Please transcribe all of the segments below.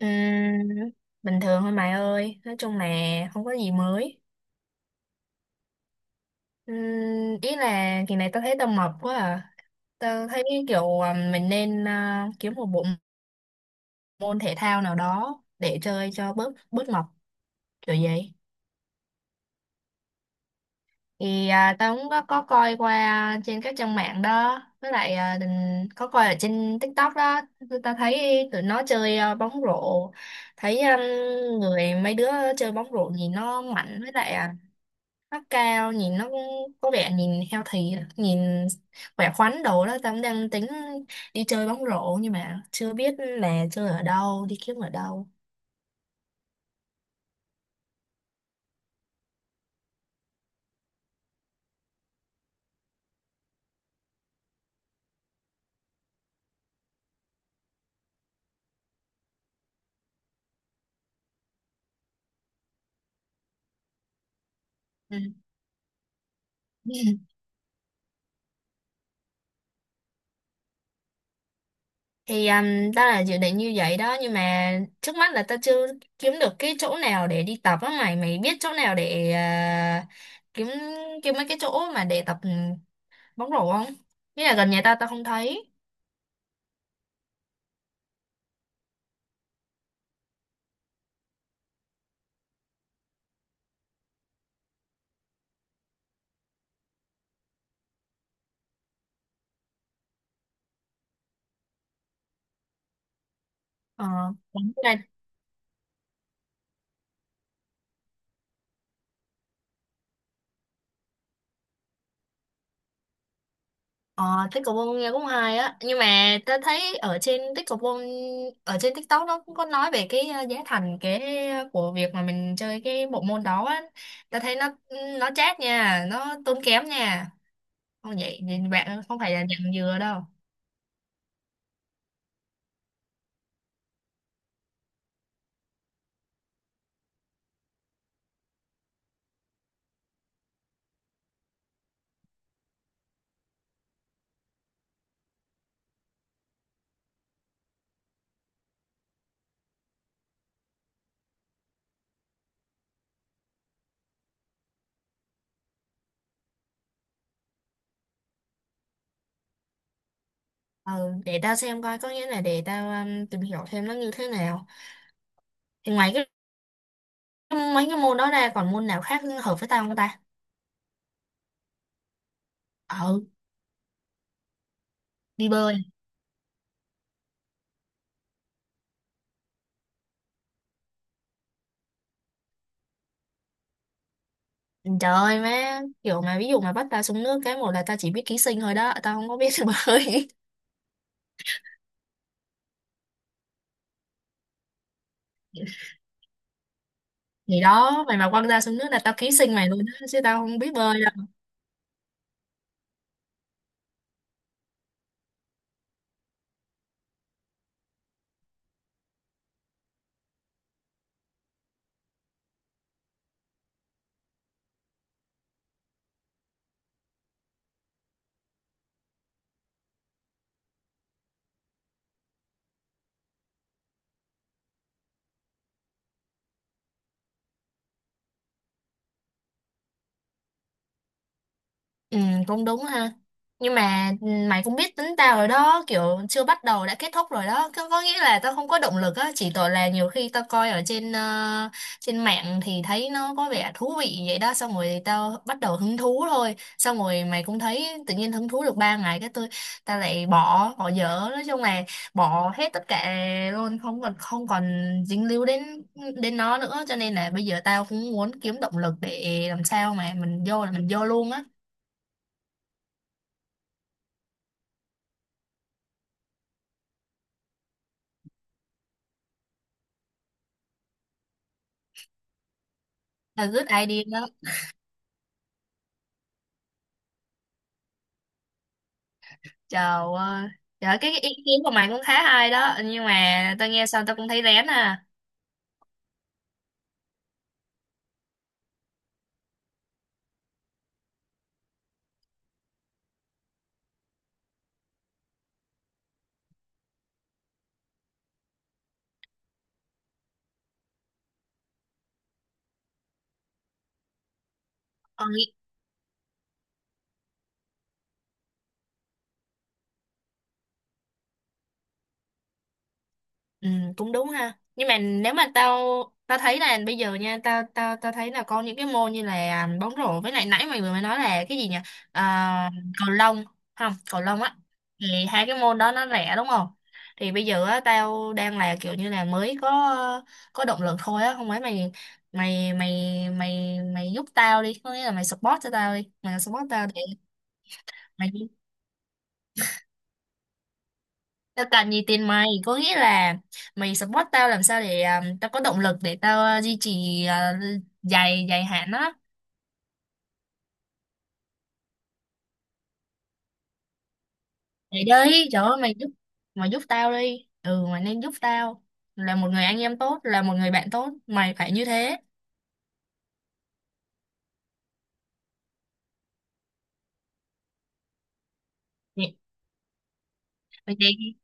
Ừm, Bình thường thôi mày ơi, nói chung là không có gì mới. Ừm, Ý là kỳ này tao thấy tao mập quá à, tao thấy kiểu à, mình nên à, kiếm một bộ môn thể thao nào đó để chơi cho bớt bớt mập kiểu vậy. Thì à, tao cũng có coi qua trên các trang mạng đó, với lại à, có coi ở trên TikTok đó. Tụi tao thấy tụi nó chơi à, bóng rổ. Thấy người mấy đứa chơi bóng rổ nhìn nó mạnh, với lại à, nó cao, nhìn nó cũng có vẻ nhìn healthy à, nhìn khỏe khoắn đồ đó. Tao cũng đang tính đi chơi bóng rổ nhưng mà chưa biết là chơi ở đâu, đi kiếm ở đâu. Ừ. Thì tao là dự định như vậy đó, nhưng mà trước mắt là tao chưa kiếm được cái chỗ nào để đi tập á. Mày mày biết chỗ nào để à, kiếm kiếm mấy cái chỗ mà để tập, bóng rổ không? Nghĩa là gần nhà tao tao không thấy. Ờ. Ờ, pickleball nghe cũng hay á, nhưng mà ta thấy ở trên pickleball, ở trên TikTok nó cũng có nói về cái giá thành, cái của việc mà mình chơi cái bộ môn đó á. Ta thấy nó chát nha, nó tốn kém nha, không vậy thì bạn không phải là nhận dừa đâu. Ừ, để tao xem coi, có nghĩa là để tao tìm hiểu thêm nó như thế nào. Thì ngoài cái mấy cái môn đó ra còn môn nào khác hợp với tao không ta? Ừ, đi bơi. Trời ơi má, kiểu mà ví dụ mà bắt ta xuống nước cái một là ta chỉ biết ký sinh thôi đó, tao không có biết bơi. Thì đó, mày mà quăng ra xuống nước là tao ký sinh mày luôn đó, chứ tao không biết bơi. Ừ, cũng đúng ha. Nhưng mà mày cũng biết tính tao rồi đó, kiểu chưa bắt đầu đã kết thúc rồi đó. Có nghĩa là tao không có động lực á, chỉ tội là nhiều khi tao coi ở trên trên mạng thì thấy nó có vẻ thú vị vậy đó, xong rồi tao bắt đầu hứng thú thôi. Xong rồi mày cũng thấy tự nhiên hứng thú được 3 ngày, cái tao lại bỏ dở, nói chung là bỏ hết tất cả luôn, không còn không còn dính líu đến đến nó nữa, cho nên là bây giờ tao cũng muốn kiếm động lực để làm sao mà mình vô là mình vô luôn á. The Good Idea đó. Trời ơi, trời ơi, cái ý kiến của mày cũng khá hay đó, nhưng mà tao nghe xong tao cũng thấy rén à. Còn. Ừ, cũng đúng ha. Nhưng mà nếu mà tao tao thấy là bây giờ nha, tao tao tao thấy là có những cái môn như là bóng rổ, với lại nãy mày vừa mới nói là cái gì nhỉ? À, cầu lông không? Cầu lông á. Thì hai cái môn đó nó rẻ đúng không? Thì bây giờ á tao đang là kiểu như là mới có động lực thôi á, không phải mày mày mày mày mày giúp tao đi, có nghĩa là mày support cho tao đi, mày support tao để mày. Tao cần gì tiền mày, có nghĩa là mày support tao làm sao để à, tao có động lực để tao à, duy trì à, dài dài hạn đó. Mày đi, trời ơi mày giúp tao đi, ừ, mày nên giúp tao, là một người anh em tốt, là một người bạn tốt, mày phải như thế. Vậy- vậy thì-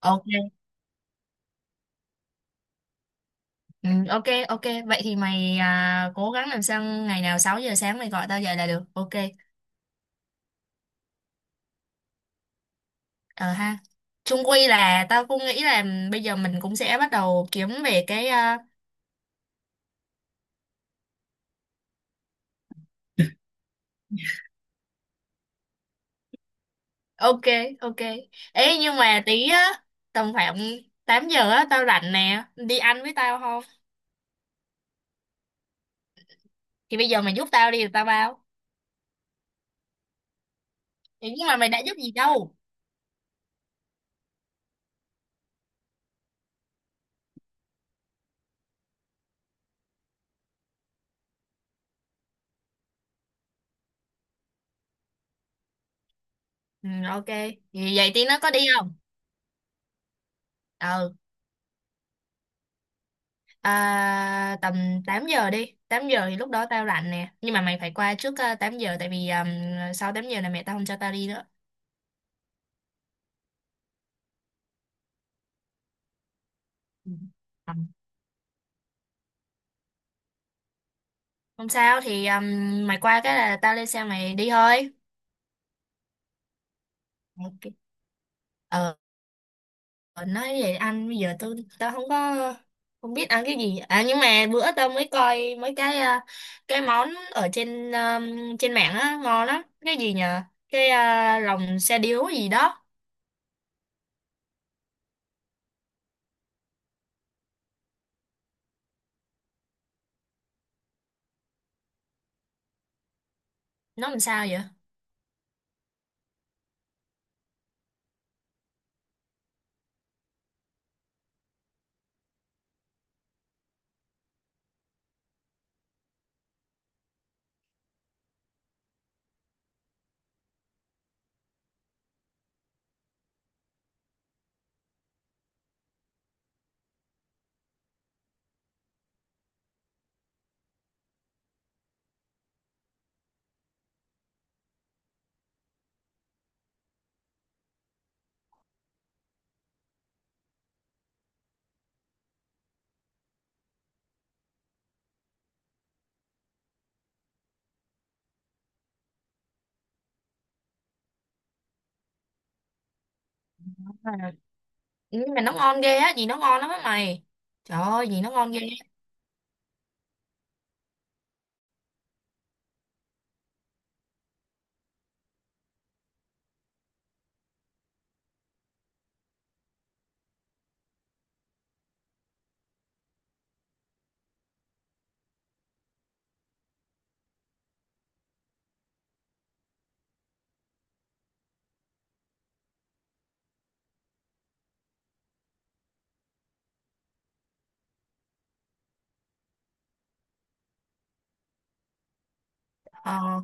ok ừ, ok, ok, vậy thì mày à, cố gắng làm sao ngày nào 6 giờ sáng mày gọi tao dậy là được. OK, ờ ha, chung quy là tao cũng nghĩ là bây giờ mình cũng sẽ bắt đầu kiếm về cái à, ok, ok, ấy nhưng mà tí á, tầm khoảng 8 giờ á tao rảnh nè, đi ăn với tao không? Thì bây giờ mày giúp tao đi rồi tao bao. Thì nhưng mà mày đã giúp gì đâu? Ừ, ok, thì vậy tí nó có đi không? Ừ. À, tầm 8 giờ đi. 8 giờ thì lúc đó tao rảnh nè, nhưng mà mày phải qua trước 8 giờ, tại vì sau 8 giờ là mẹ tao không cho tao đi nữa. Ừ. Ừ. Không sao, thì mày qua cái là tao lên xe mày đi thôi. OK. Ờ. Ờ, nói vậy anh, bây giờ tao không có, không biết ăn cái gì à, nhưng mà bữa tao mới coi mấy cái cái món ở trên trên mạng á ngon lắm, cái gì nhờ, cái lòng xe điếu gì đó. Nó làm sao vậy? À. Nhưng mà nó ngon ghê á, gì nó ngon lắm á mày, trời ơi gì nó ngon ghê. Ờ,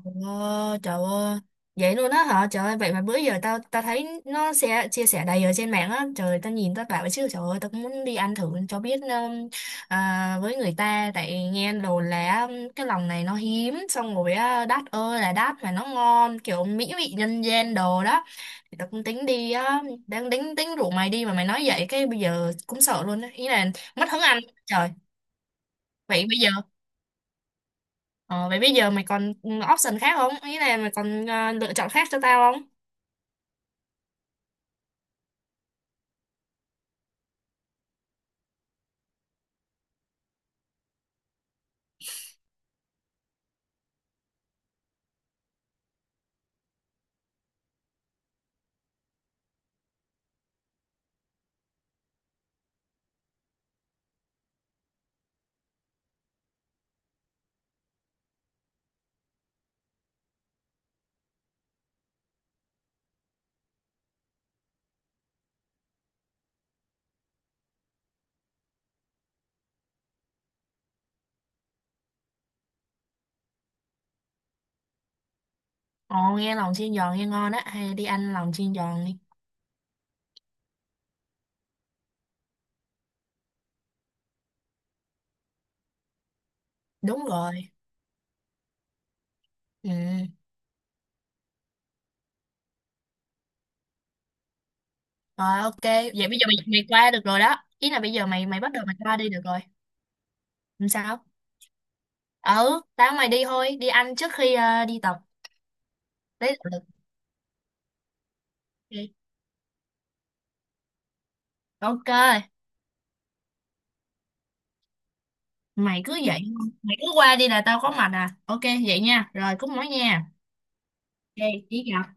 trời ơi vậy luôn á hả, trời ơi vậy mà bữa giờ tao tao thấy nó sẽ chia sẻ đầy ở trên mạng á, trời tao nhìn tao bảo chứ trời ơi, tao cũng muốn đi ăn thử cho biết, với người ta tại nghe đồ là cái lòng này nó hiếm, xong rồi á đắt ơi là đắt mà nó ngon kiểu mỹ vị nhân gian đồ đó. Thì tao cũng tính đi á, đang tính tính rủ mày đi mà mày nói vậy cái bây giờ cũng sợ luôn á, ý là mất hứng ăn. Trời. Vậy bây giờ Ờ, vậy bây giờ mày còn option khác không? Ý là mày còn lựa chọn khác cho tao không? Ồ, nghe lòng chiên giòn nghe ngon á. Hay đi ăn lòng chiên giòn đi. Đúng rồi. Ừ. Rồi, ok. Vậy bây giờ mày qua được rồi đó. Ý là bây giờ mày mày bắt đầu mày qua đi được rồi. Làm sao? Ừ, tao mày đi thôi. Đi ăn trước khi đi tập. Đấy là được. OK. OK. Mày cứ vậy. Mày cứ qua đi là tao có mặt à. OK, vậy nha. Rồi, cúp máy nha. OK, ý gặp.